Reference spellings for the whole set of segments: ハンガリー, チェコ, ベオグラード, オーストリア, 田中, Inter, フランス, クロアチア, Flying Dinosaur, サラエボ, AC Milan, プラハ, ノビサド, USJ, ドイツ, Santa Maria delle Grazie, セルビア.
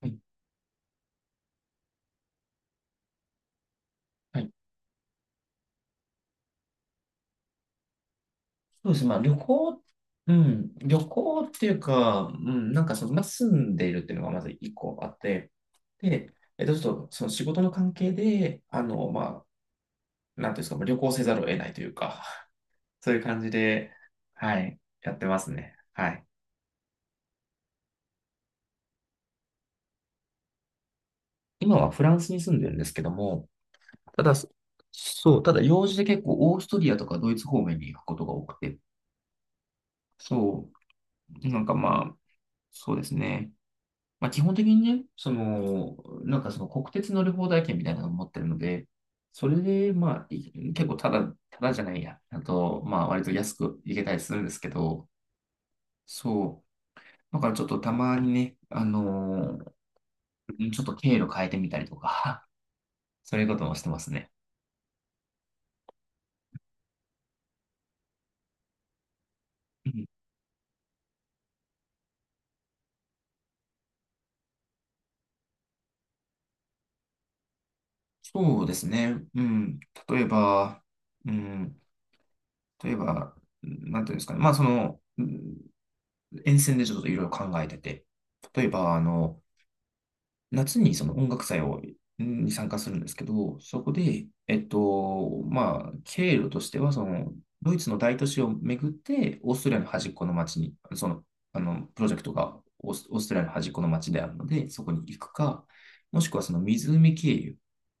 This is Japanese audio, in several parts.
はいはい、そうですね。まあ、旅行っていうか、まあ、住んでいるっていうのがまず一個あって、で、ちょっとその仕事の関係で、まあ、なんていうんですか、まあ旅行せざるを得ないというか、そういう感じで、はい、やってますね。はい。今はフランスに住んでるんですけども、ただ、そそう、ただ用事で結構オーストリアとかドイツ方面に行くことが多くて、そう、なんかまあ、そうですね。まあ、基本的にね、その、なんかその国鉄乗り放題券みたいなのを持ってるので、それで、まあ、結構ただ、ただじゃないや。あと、まあ、割と安く行けたりするんですけど、そう。だからちょっとたまにね、ちょっと経路変えてみたりとか、そういうこともしてますね。うん、そうですね。うん。例えば、うん。例えば、なんていうんですかね。まあ、その、うん、沿線でちょっといろいろ考えてて、例えば、あの、夏にその音楽祭をんに参加するんですけど、そこで、えっと、まあ、経路としては、その、ドイツの大都市を巡って、オーストリアの端っこの町に、プロジェクトがオーストリアの端っこの町であるので、そこに行くか、もしくはその湖経由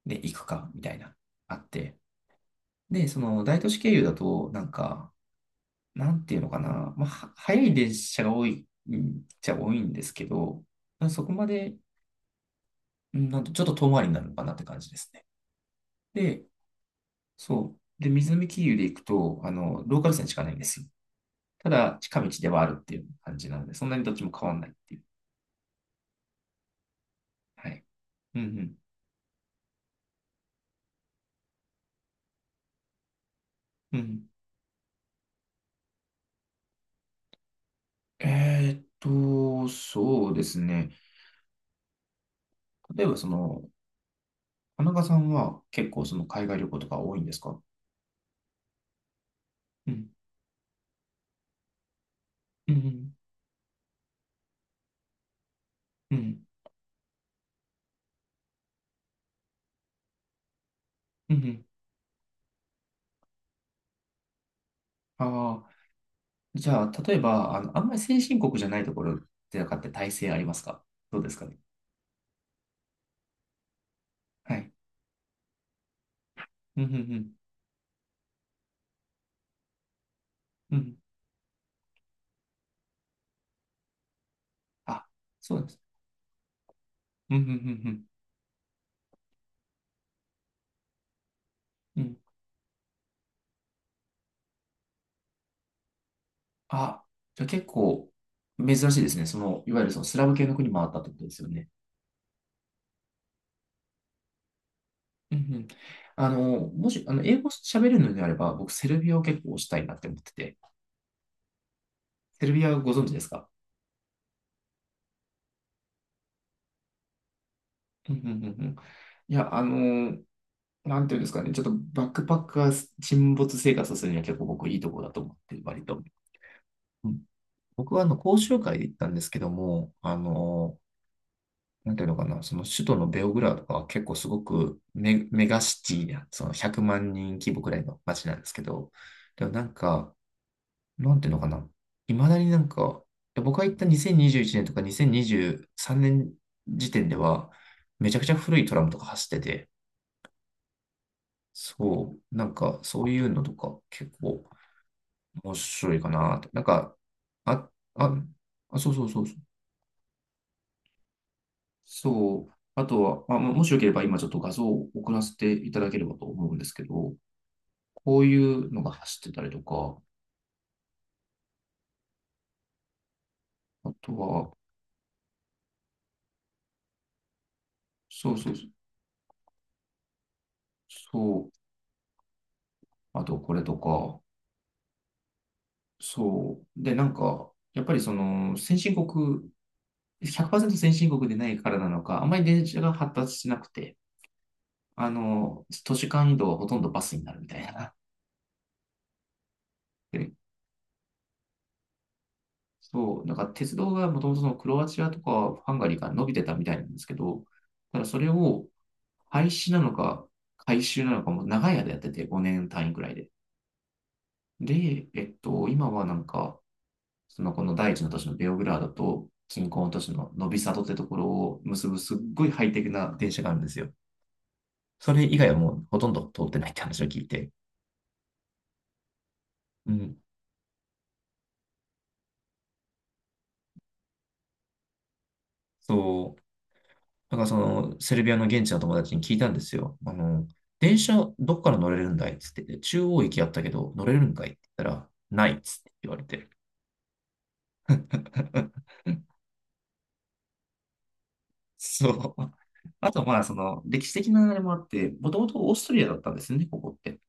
で行くか、みたいな、あって。で、その大都市経由だと、なんか、なんていうのかな、まあ、は早い列車が多い、うん、じゃ多いんですけど、そこまで、うん、なんとちょっと遠回りになるのかなって感じですね。で、そう。で、水見経由で行くと、ローカル線しかないんですよ。ただ、近道ではあるっていう感じなので、そんなにどっちも変わんないっていう。はい。うんうん。うん。そうですね。例えば、その、田中さんは結構その海外旅行とか多いんですか？うん。うんうん。うん。うんうん、ああー、じゃあ、例えば、あんまり先進国じゃないところとかって体制ありますか？どうですかね。はい。うんうんうん。うん、あ、そうなんです。うん、うん、うん、うん。うん、あ、じゃあ結構珍しいですね。その、いわゆるそのスラブ系の国もあったってことですよね。うん、うん。あの、もし、英語喋れるのであれば、僕、セルビアを結構推したいなって思ってて。セルビアご存知ですか？うん、うん、うん、うん。いや、なんていうんですかね。ちょっとバックパックが沈没生活をするには結構僕いいところだと思ってる、割と。うん、僕はあの講習会で行ったんですけども、なんていうのかな、その首都のベオグラードとかは結構すごくメガシティな、その100万人規模くらいの街なんですけど、でもなんか、なんていうのかな、いまだになんか、で僕が行った2021年とか2023年時点では、めちゃくちゃ古いトラムとか走ってて、そう、なんかそういうのとか結構面白いかなと。なんか、あ、あ、あ、そうそうそうそう。あとは、まあ、もしよければ今ちょっと画像を送らせていただければと思うんですけど、こういうのが走ってたりとか、あとは、そうそうそう、そう、あとこれとか、そう。で、なんか、やっぱりその先進国、100%先進国でないからなのか、あんまり電車が発達しなくて、都市間移動はほとんどバスになるみたいな。そう、なんか鉄道がもともとそのクロアチアとかハンガリーから伸びてたみたいなんですけど、ただそれを廃止なのか改修なのかも長い間やってて5年単位くらいで。で、今はなんか、そのこの第一の都市のベオグラードと近郊の都市のノビサドってところを結ぶすっごいハイテクな電車があるんですよ。それ以外はもうほとんど通ってないって話を聞いて。うん。そう。だからその、セルビアの現地の友達に聞いたんですよ。電車どっから乗れるんだいっつって、中央駅やったけど乗れるんかいって言ったら、ないっつって言われて。そう。あとまあ、その、歴史的なあれもあって、もともとオーストリアだったんですよね、ここって。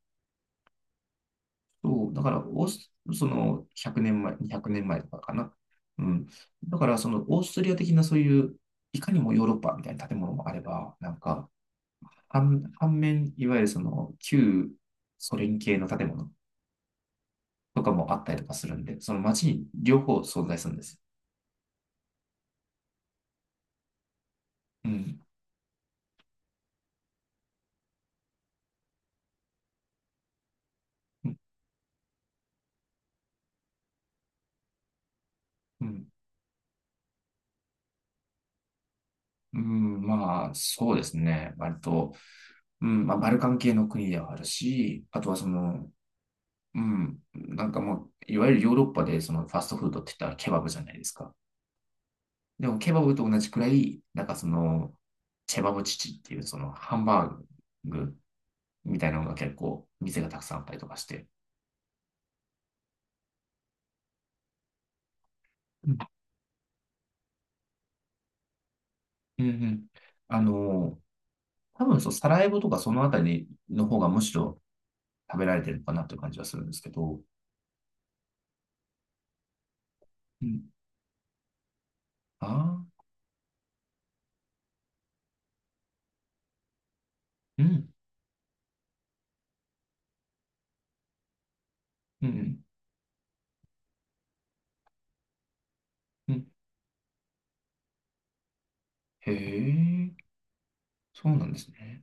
そう。だから、オース、その、100年前、200年前とかかな。うん。だから、その、オーストリア的なそういう、いかにもヨーロッパみたいな建物もあれば、なんか、反面、いわゆるその、旧ソ連系の建物。とかもあったりとかするんで、その街に両方存在するんです。うん。うん。うん、まあ、そうですね。割と、うん、まあ、バルカン系の国ではあるし、あとはその、うん、なんかもう、いわゆるヨーロッパでそのファストフードって言ったらケバブじゃないですか。でも、ケバブと同じくらい、なんかその、チェバブチチっていうそのハンバーグみたいなのが結構、店がたくさんあったりとかして。うんうんうん。あの多分そう、サラエボとかそのあたりの方がむしろ食べられてるのかなという感じはするんですけど。うん。ああ、うん、うん、うん。へえ、そうなんですね。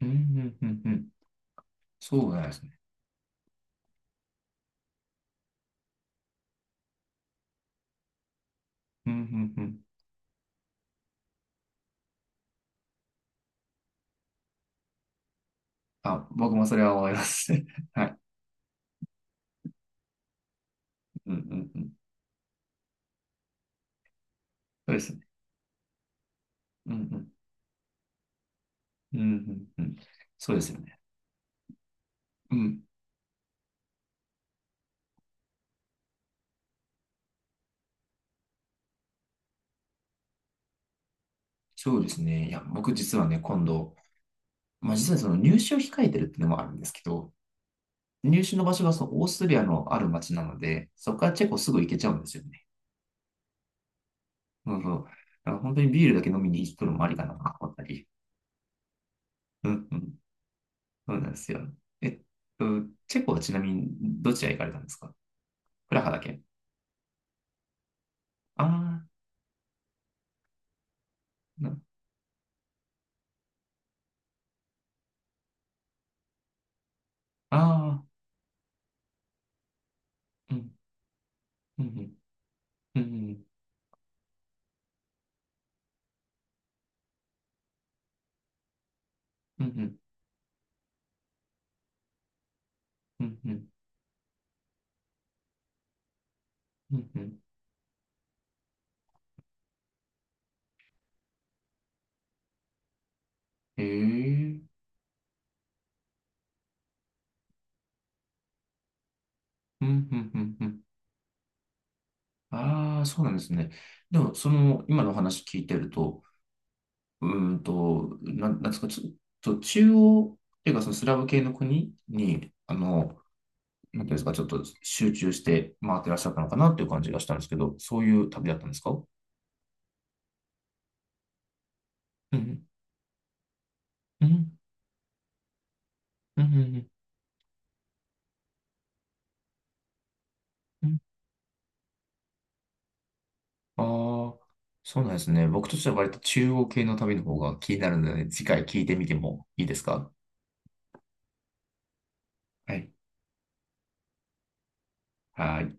うん、うん、うん、うん。そうなんですね。うん、うん、うん。あ、僕もそれは思います。はい。うん、うん、うん。そうですね。うん、うん、うん、うん、うん。そうですよね。うん。そうですね。いや、僕実はね、今度、まあ実はその入試を控えてるっていうのもあるんですけど、入手の場所がそのオーストリアのある町なので、そこからチェコすぐ行けちゃうんですよね。そうそう。だから本当にビールだけ飲みに行くのもありかなと思ったり。うんうん。そうなんですよ。えっと、チェコはちなみにどちら行かれたんですか？プラハだけ。ああ、な、ああ、うん、うん、うん、うん、うん、うん、うん、うん、うん。ええ、うん、うん、うん、うん。ああ、そうなんですね。でも、その、今のお話聞いてると、なんですか、ちょっと中央っていうか、そのスラブ系の国に、なんていうんですか、ちょっと集中して回ってらっしゃったのかなっていう感じがしたんですけど、そういう旅だったんですか？うんうん、うん、うん、うん。ああー、そうなんですね。僕としては割と中央系の旅の方が気になるので、次回聞いてみてもいいですか？はい。はい。